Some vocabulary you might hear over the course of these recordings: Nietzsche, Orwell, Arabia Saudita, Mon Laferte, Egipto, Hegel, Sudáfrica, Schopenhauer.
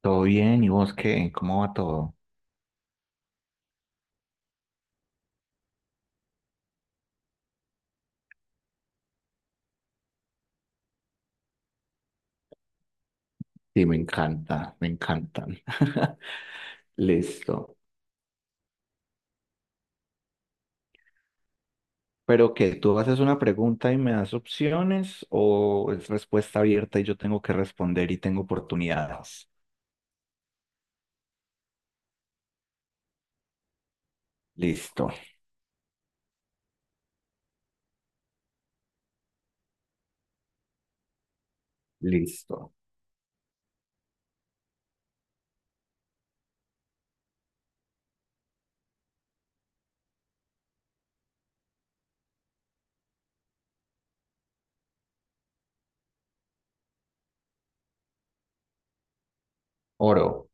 Todo bien, ¿y vos qué? ¿Cómo va todo? Sí, me encanta, me encantan. Listo. Pero que tú haces una pregunta y me das opciones, o es respuesta abierta y yo tengo que responder y tengo oportunidades. Listo, listo. Oro.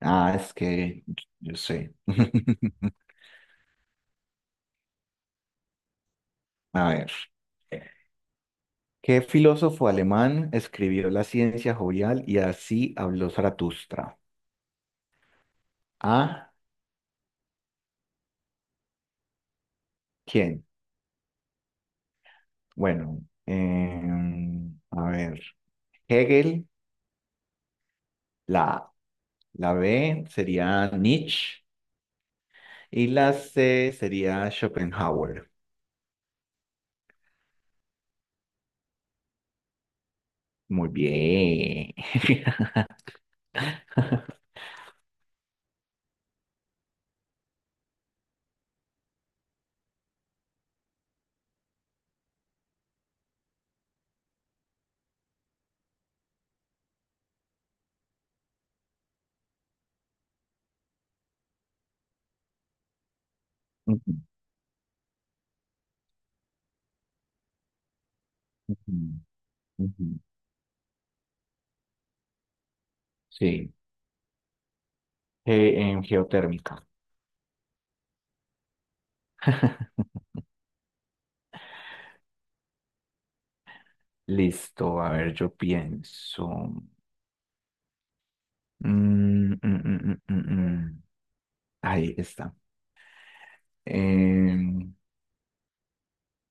Ah, es que yo sé. A ver. ¿Qué filósofo alemán escribió La ciencia jovial y Así habló Zaratustra? A. ¿Quién? Bueno, a ver, Hegel, la La B sería Nietzsche y la C sería Schopenhauer. Muy bien. Ujú, ujú, ujú. Sí, en geotérmica. Listo, a ver, yo pienso. Mm, mm, mm, mm, mm, mm. Ahí está. Em,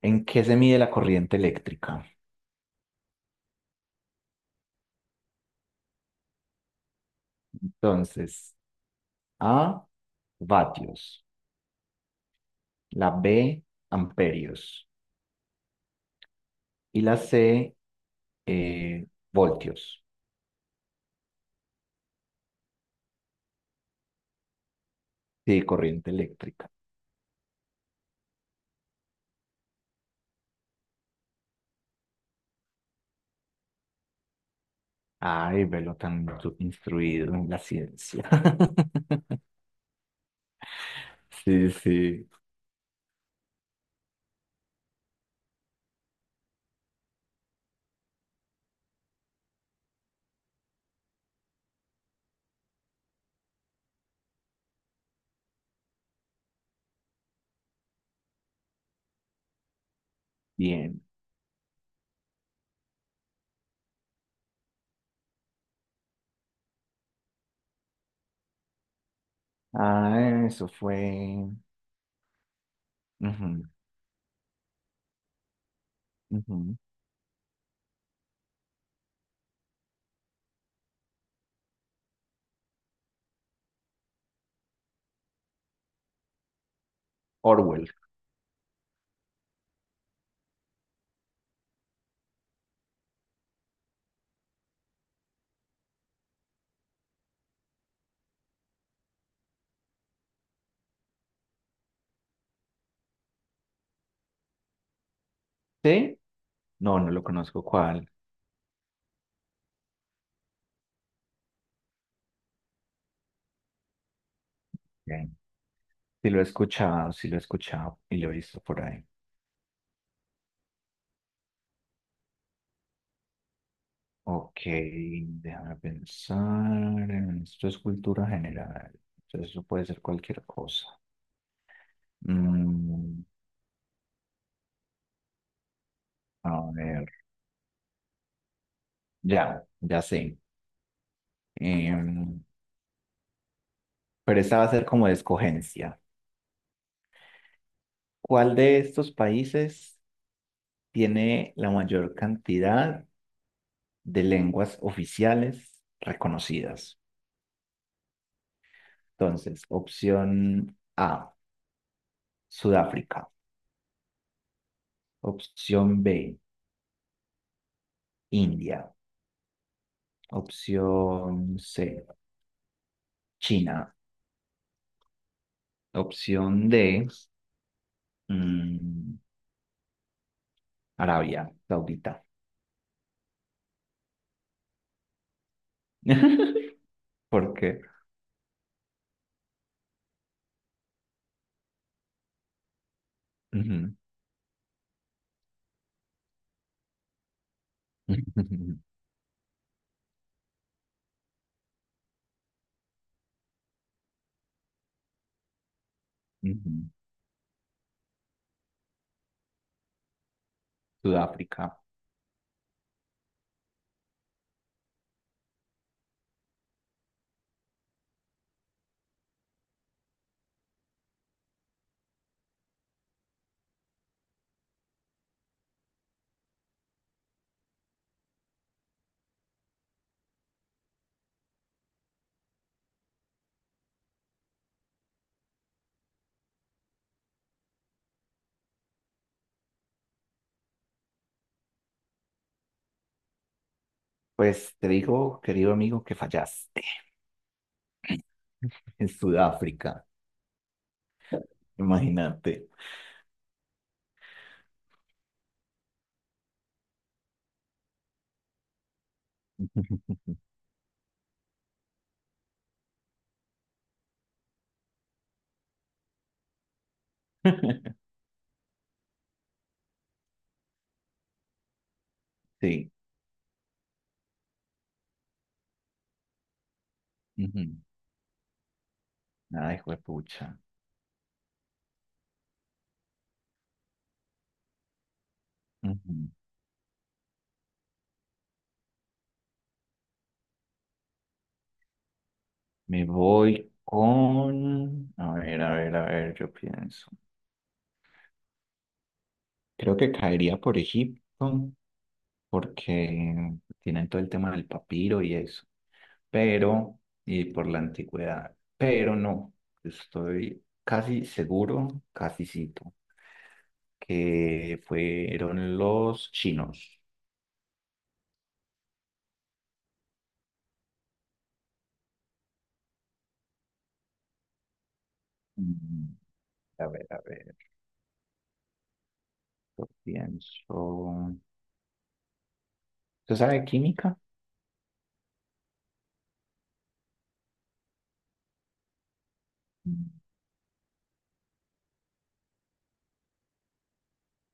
¿En qué se mide la corriente eléctrica? Entonces, A, vatios. La B, amperios. Y la C, voltios. Sí, corriente eléctrica. Ay, velo tan instruido en la ciencia. Sí, sí. Bien. Ah, eso fue. Ujú, ujú. Orwell. ¿Sí? No, no lo conozco cuál. Bien. Sí, lo he escuchado, sí lo he escuchado y lo he visto por ahí. Ok, déjame pensar. Esto es cultura general. Entonces, eso puede ser cualquier cosa. Mm, a ver, ya, ya sé. Em, pero esta va a ser como de escogencia. ¿Cuál de estos países tiene la mayor cantidad de lenguas oficiales reconocidas? Entonces, opción A, Sudáfrica. Opción B, India. Opción C, China. Opción D, mm, Arabia Saudita. ¿Por qué? Ujú. Ujú. Sudáfrica. Pues te digo, querido amigo, que fallaste en Sudáfrica. Imagínate. Sí. Ujú. Ay, juepucha. Ujú. Me voy con... A ver, a ver, a ver, yo pienso. Creo que caería por Egipto, porque tienen todo el tema del papiro y eso. Pero, y por la antigüedad. Pero no, estoy casi seguro, casi cito, que fueron los chinos. Mm, A ver, a ver. Yo pienso. ¿Usted sabe de química? Mm,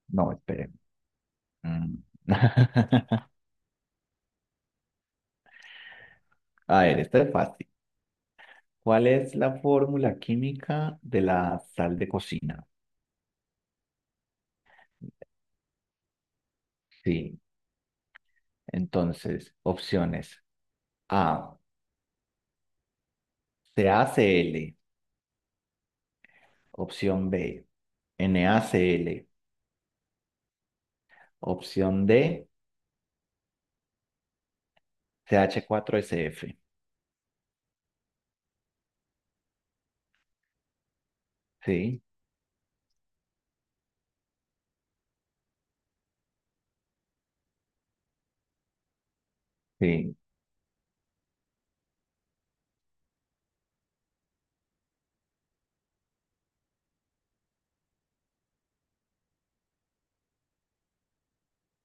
no, espere. Mm. A ver, esto es fácil. ¿Cuál es la fórmula química de la sal de cocina? Sí. Entonces, opciones. A, CaCl. Opción B, NaCl. Opción D, CH4SF. Sí, sí.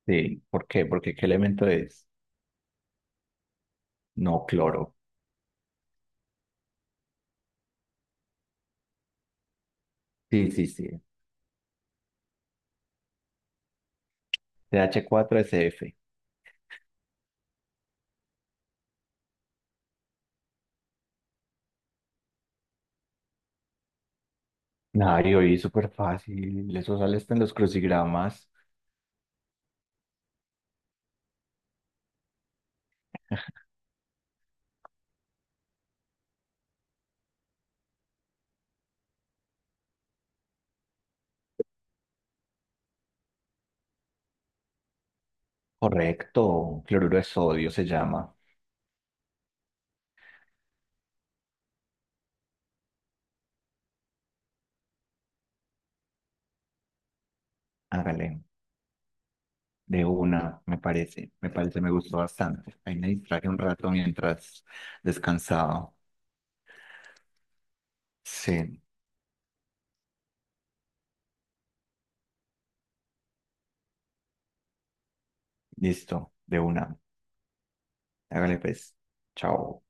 Sí, ¿por qué? Porque, ¿qué elemento es? No, cloro. Sí, sí, sí. CH4SF. Ay, oí, súper fácil. Eso sale hasta en los crucigramas. Correcto. Cloruro de sodio se llama. Hágale. De una, me parece. Me parece, me gustó bastante. Ahí me distraje un rato mientras descansaba. Sí, listo. De una. Hágale pues. Chao.